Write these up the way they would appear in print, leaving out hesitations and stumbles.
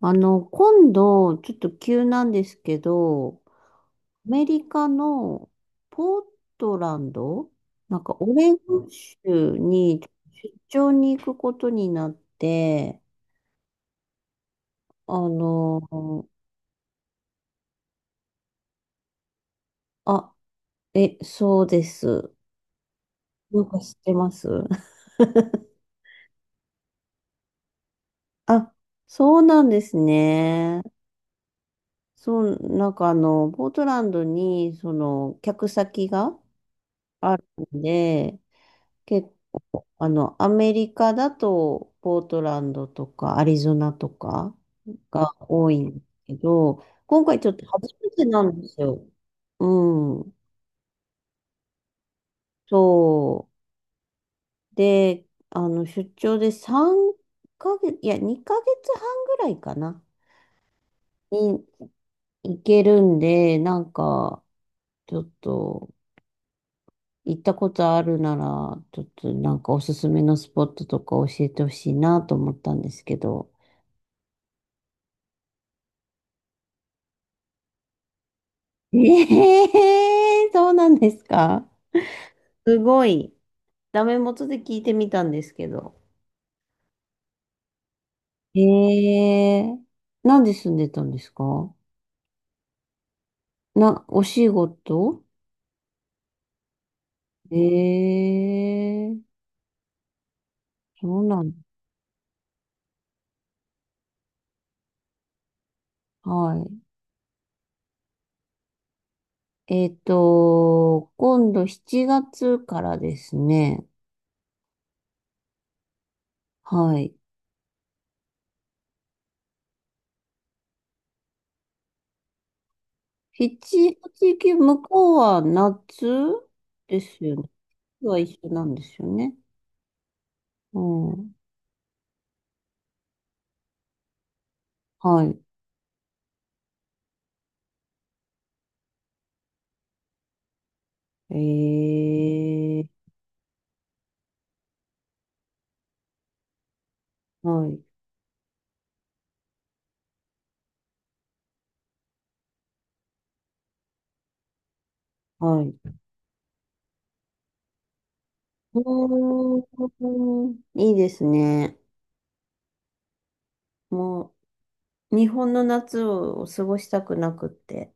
今度、ちょっと急なんですけど、アメリカのポートランド、なんかオレゴン州に出張に行くことになって、あの、あ、え、そうです。なんか知ってます？ あ、そうなんですね。そう、なんかポートランドに、その、客先があるんで、結あの、アメリカだと、ポートランドとか、アリゾナとかが多いんですけど、今回ちょっと初めてなんですよ。うん。そう。で、出張で3ヶ月、いや、2ヶ月半ぐらいかな、に行けるんで、なんか、ちょっと、行ったことあるなら、ちょっとなんかおすすめのスポットとか教えてほしいなと思ったんですけど。ええ、そうなんですか？すごい。ダメ元で聞いてみたんですけど。ええ、なんで住んでたんですか？お仕事？ええ、そうなんだ、はい。今度7月からですね。はい。7、8、9、向こうは夏ですよね。は一緒なんですよね。うん。はい。ええ、はい、はい。うーん、いいですね。もう、日本の夏を過ごしたくなくって。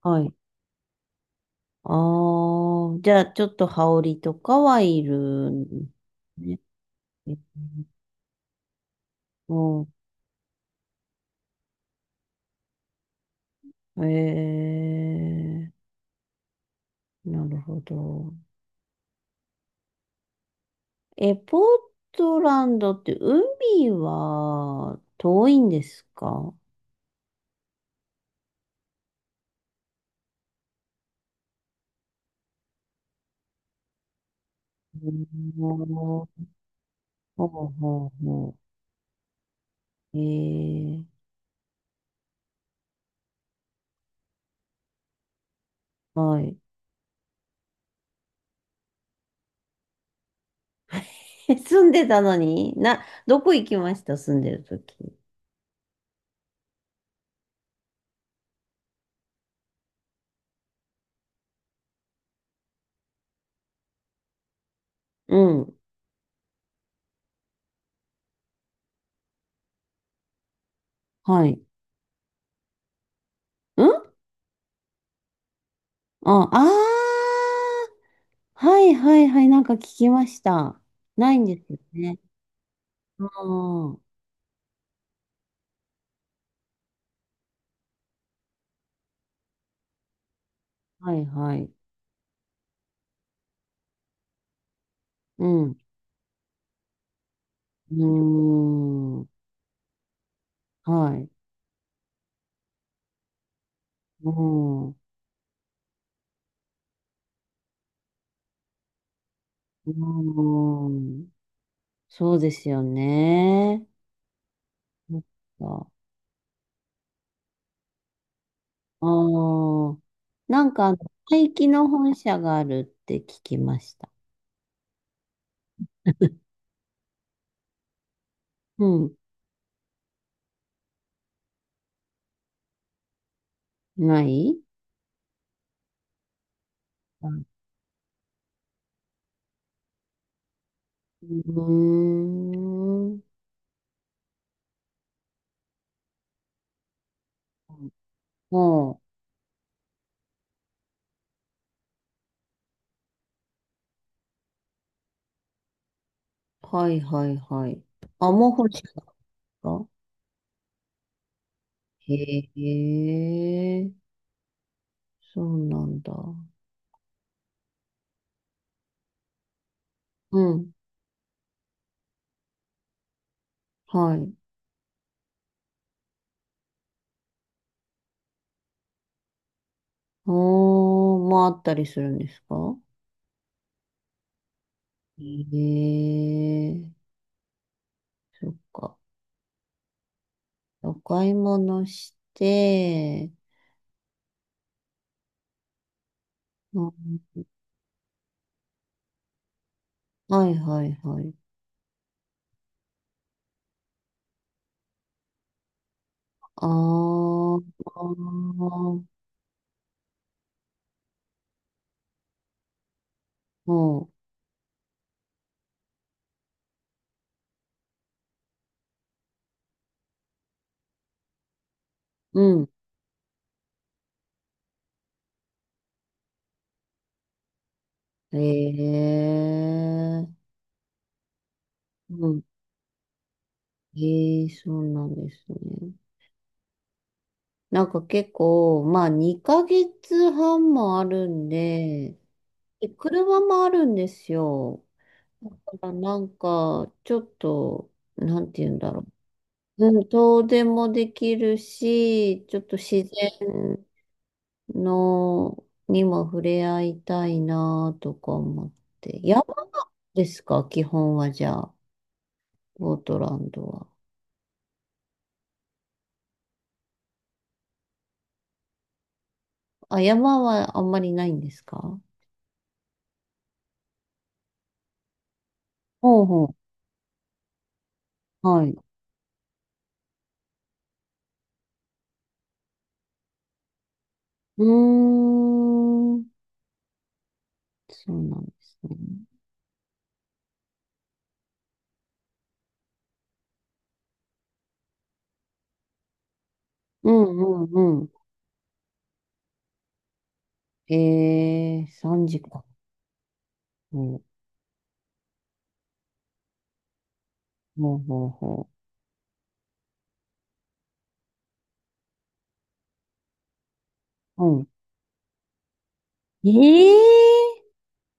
はい。ああ、じゃあ、ちょっと羽織とかはいるんですね。うん。えー、なるほど。え、ポートランドって海は遠いんですか？うん、ほうほうほう。えー、はい。え、住んでたのにな、どこ行きました、住んでる時？うん。はい。うん、あ、あー。はいはいはい。なんか聞きました。ないんですよね。うん。はいはい。うん。うーん。はい。うん。うーん。そうですよね。なんか、あー。なんか、廃棄の本社があるって聞きました。うん。ない。うーん。はあ、はいはいはい。あ、もう欲しかった。へえ、そうなんだ。うん、はい。おー、まああったりするんですか？へえ、そっか。お買い物して、あ、はいはいはい。あー、あー、もう、うん。へえ、うん、ええ、そうなんですね。なんか結構、まあ2ヶ月半もあるんで、で車もあるんですよ。だからなんか、ちょっと、なんて言うんだろう。うん、遠出もできるし、ちょっと自然の、にも触れ合いたいなとか思って。山ですか、基本はじゃあ、ゴートランドは？あ、山はあんまりないんですか？ほうほう。はい。うーん。そうなんですね。うんうんうん。えー、3時か。ほうほうほうほう。うん。ええー、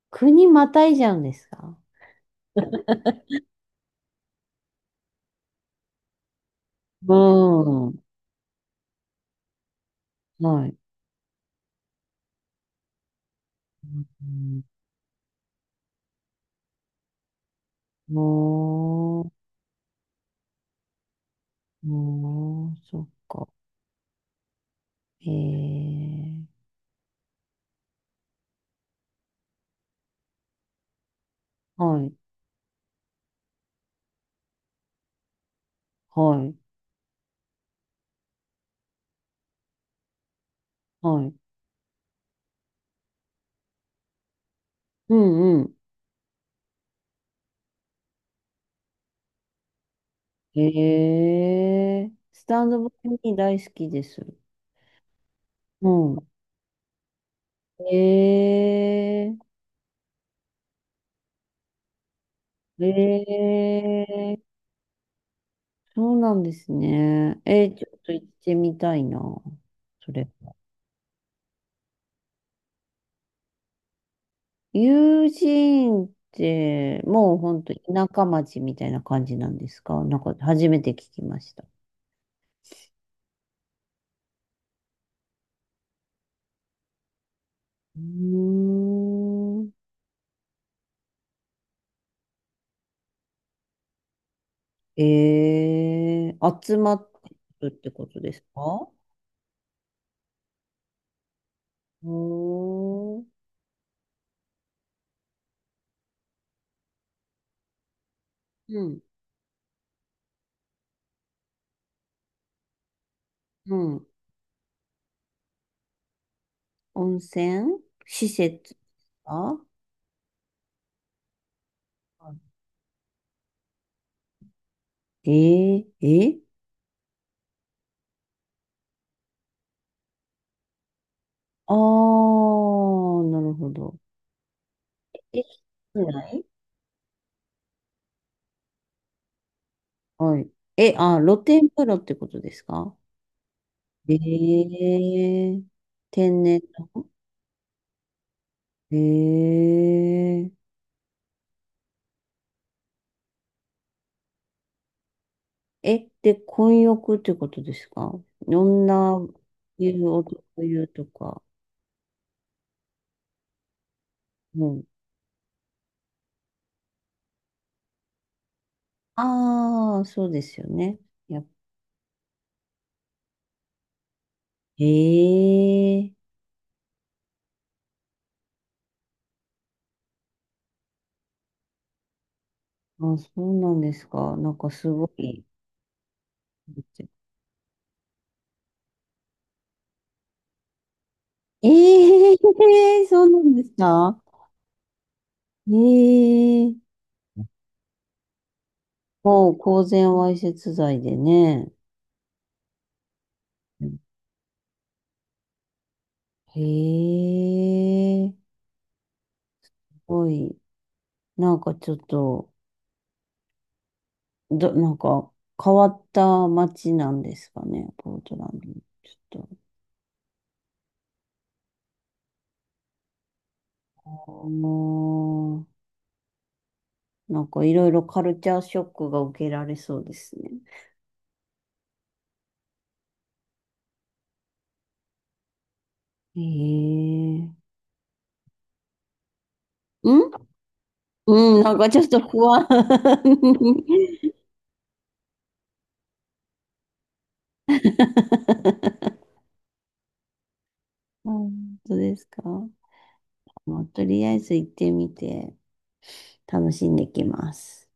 国またいじゃうんですか？うん。はい。うん、おー、おー、そっか。えー、はい、はい、はい。うんうん。えー、スタンドバイミー大好きです。うん。えー、ええ、そうなんですね。えー、ちょっと行ってみたいな、それ。友人って、もうほんと田舎町みたいな感じなんですか？なんか初めて聞きました。うーん。ええ、集まってるってことですか？おー。うん。うん。温泉施設か。えええ、ああー、なるほど。え、室内？はい。え、あ、露天風呂ってことですか？ええ、天然の？えええ、で、混浴ってことですか？女湯、男湯とか。うん。ああ、そうですよね。やっえーあ、そうなんですか。なんかすごい。ええー そうなんですか？ええー、もう、公然わいせつ罪でね。うん、へえ、すごい。なんかちょっと、なんか変わった街なんですかね、ポートランド。ちょっと、もう、なんかいろいろカルチャーショックが受けられそうですね。へえ、うんうん、なんかちょっと不安。あ、本当ですか。もうとりあえず行ってみて、楽しんできます。